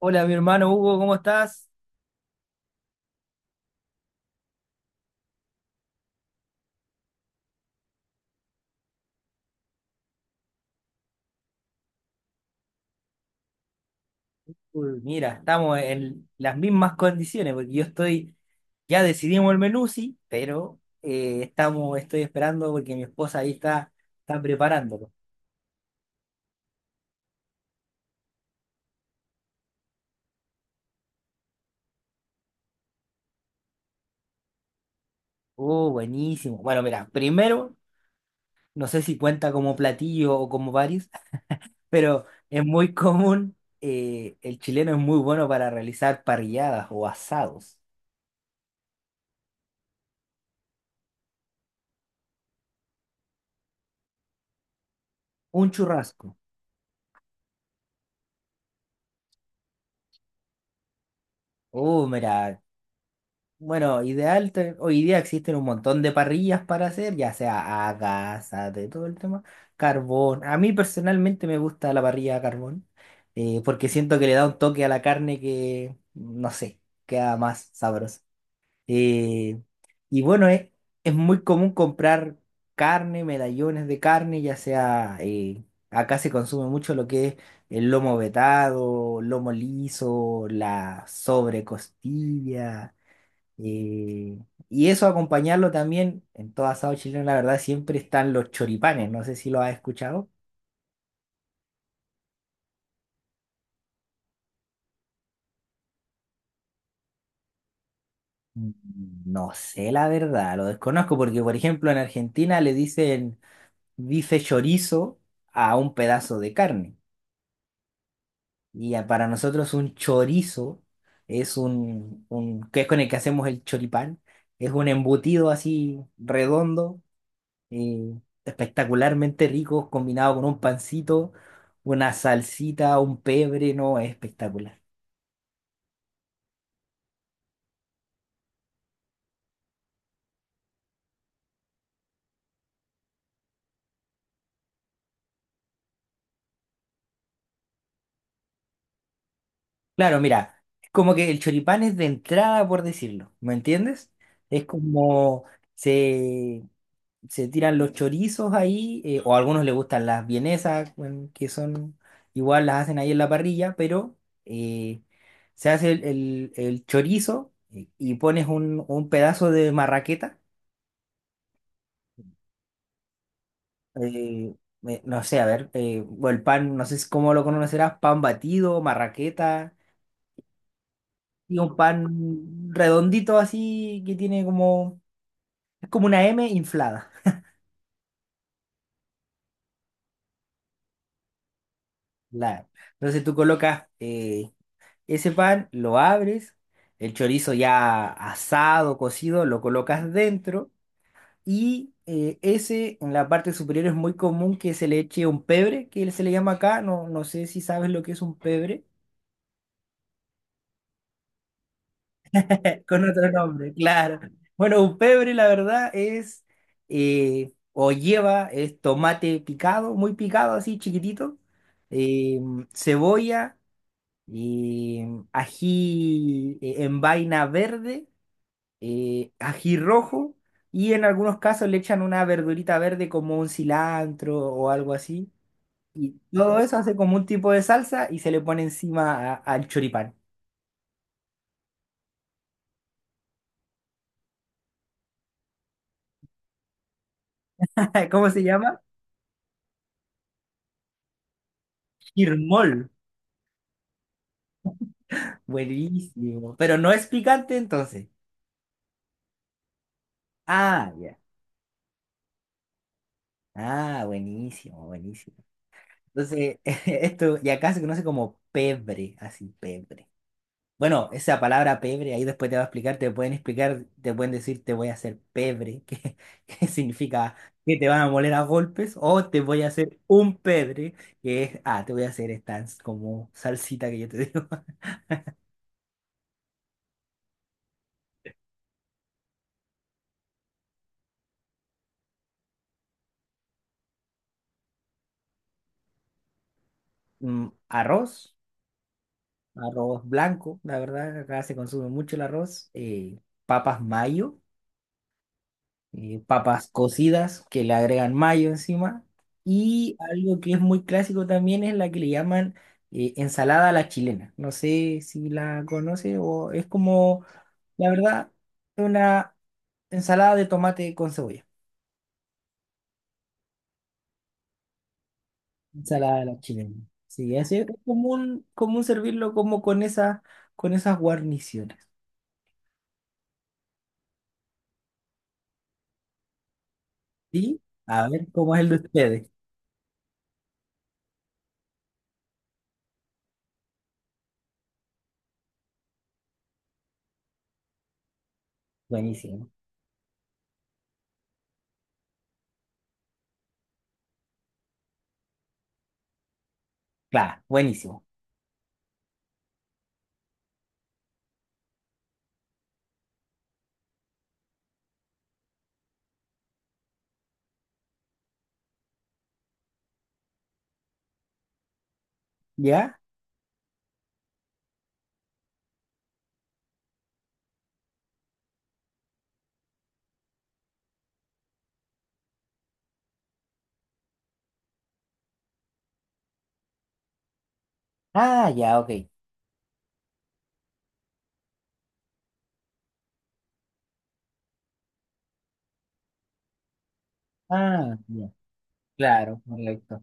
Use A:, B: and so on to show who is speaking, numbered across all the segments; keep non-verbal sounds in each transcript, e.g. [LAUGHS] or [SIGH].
A: Hola, mi hermano Hugo, ¿cómo estás? Uy, mira, estamos en las mismas condiciones, porque ya decidimos el menú, sí, pero estoy esperando porque mi esposa ahí está preparándolo. Oh, buenísimo. Bueno, mira, primero, no sé si cuenta como platillo o como varios, pero es muy común, el chileno es muy bueno para realizar parrilladas o asados. Un churrasco. Oh, mira. Bueno, ideal, hoy día existen un montón de parrillas para hacer, ya sea a gas, a de todo el tema, carbón. A mí personalmente me gusta la parrilla a carbón, porque siento que le da un toque a la carne que, no sé, queda más sabroso. Eh, y bueno, es, es muy común comprar carne, medallones de carne, ya sea, acá se consume mucho lo que es el lomo vetado, lomo liso, la sobrecostilla. Y, y eso acompañarlo también, en todo asado chileno, la verdad, siempre están los choripanes. No sé si lo has escuchado. Mm, No sé la verdad, lo desconozco porque, por ejemplo, en Argentina le dicen bife chorizo a un pedazo de carne. Para nosotros un chorizo es que es con el que hacemos el choripán, es un embutido así redondo y espectacularmente rico combinado con un pancito, una salsita, un pebre, no, es espectacular. Claro, mira, es como que el choripán es de entrada, por decirlo, ¿me entiendes? Es como se, se tiran los chorizos ahí, o a algunos les gustan las vienesas, bueno, que son igual las hacen ahí en la parrilla, pero eh, se hace el chorizo y pones un pedazo de marraqueta. eh, no sé, a ver, o el pan, no sé cómo lo conocerás, pan batido, marraqueta, y un pan redondito así que tiene como, es como una M inflada. La, entonces tú colocas ese pan, lo abres, el chorizo ya asado, cocido, lo colocas dentro y ese en la parte superior es muy común que se le eche un pebre, que se le llama acá, no, no sé si sabes lo que es un pebre. [LAUGHS] Con otro nombre, claro. Bueno, un pebre, la verdad, es o lleva es tomate picado, muy picado, así chiquitito, eh, cebolla, y ají en vaina verde, ají rojo, y en algunos casos le echan una verdurita verde como un cilantro o algo así. Y todo eso hace como un tipo de salsa y se le pone encima al choripán. [LAUGHS] ¿Cómo se llama? Chirmol. Buenísimo. Pero no es picante entonces. Ah, ya. Ah, buenísimo, buenísimo. Entonces, [LAUGHS] esto, y acá se conoce como pebre, así, pebre. Bueno, esa palabra pebre, ahí después te va a explicar, te pueden decir te voy a hacer pebre, que, [LAUGHS] que significa que te van a moler a golpes, o te voy a hacer un pebre, que es, ah, te voy a hacer esta como salsita que yo te digo. [LAUGHS] Mm, arroz. Arroz blanco, la verdad, acá se consume mucho el arroz, papas mayo, papas cocidas que le agregan mayo encima, y algo que es muy clásico también es la que le llaman ensalada a la chilena. No sé si la conoce o es como, la verdad, una ensalada de tomate con cebolla, ensalada a la chilena. Sí, así es común, común servirlo como con esas guarniciones. ¿Sí? A ver cómo es el de ustedes. Buenísimo. Claro, buenísimo. ¿Ya? Ah, ya, ok. Ah, ya. Claro, correcto.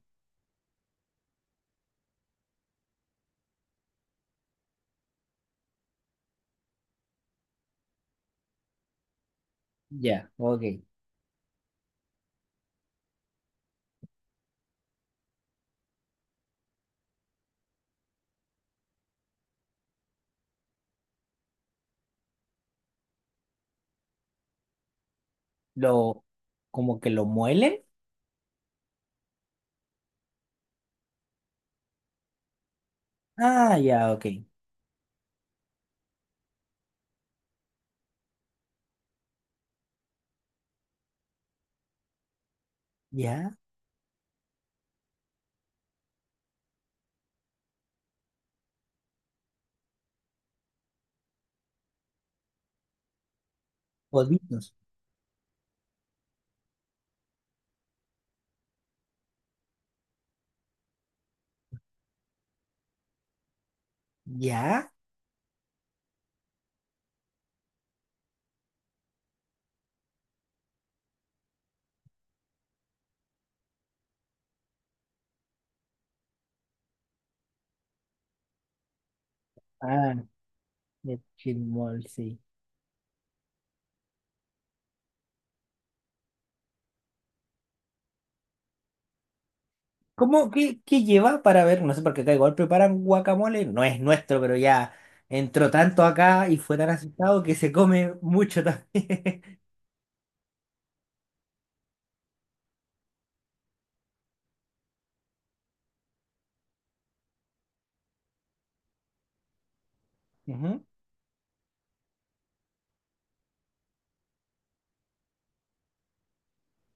A: Ya, ok. Lo, como que lo muelen. Ah, ya, ok. Ya, coditos. Ya. Ah, el chirmol, sí. ¿Cómo, qué, qué lleva para ver? No sé por qué acá igual preparan guacamole. No es nuestro, pero ya entró tanto acá y fue tan asustado que se come mucho también. [LAUGHS] Ujú,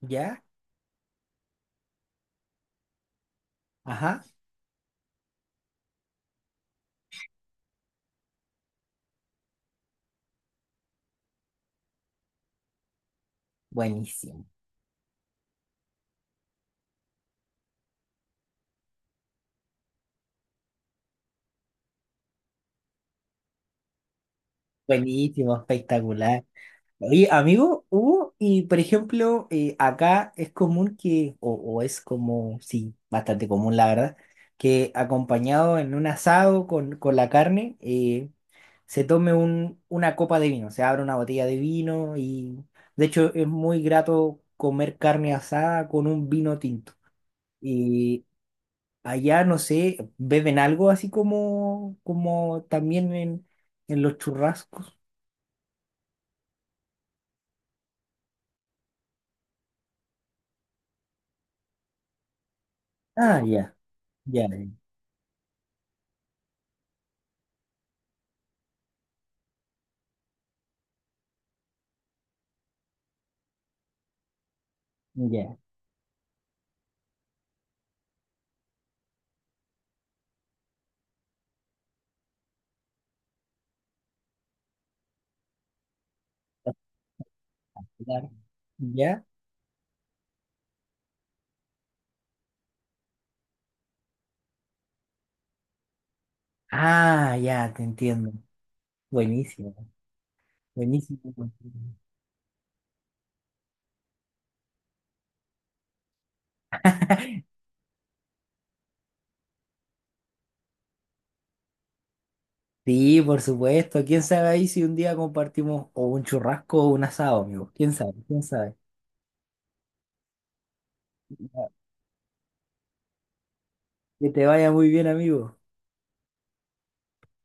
A: ya. Ajá. Buenísimo. Buenísimo, espectacular. Oye, amigo, hubo, y por ejemplo, acá es común que, o es como, sí, bastante común la verdad, que acompañado en un asado con la carne, se tome una copa de vino, se abre una botella de vino y de hecho es muy grato comer carne asada con un vino tinto. Y allá, no sé, beben algo así como, como también en los churrascos. Ah, ya, ya, ya. Claro. ¿Ya? Ah, ya, te entiendo. Buenísimo, buenísimo, buenísimo. Sí, por supuesto. ¿Quién sabe ahí si un día compartimos o un churrasco o un asado, amigo? ¿Quién sabe? ¿Quién sabe? Ya. Que te vaya muy bien, amigo.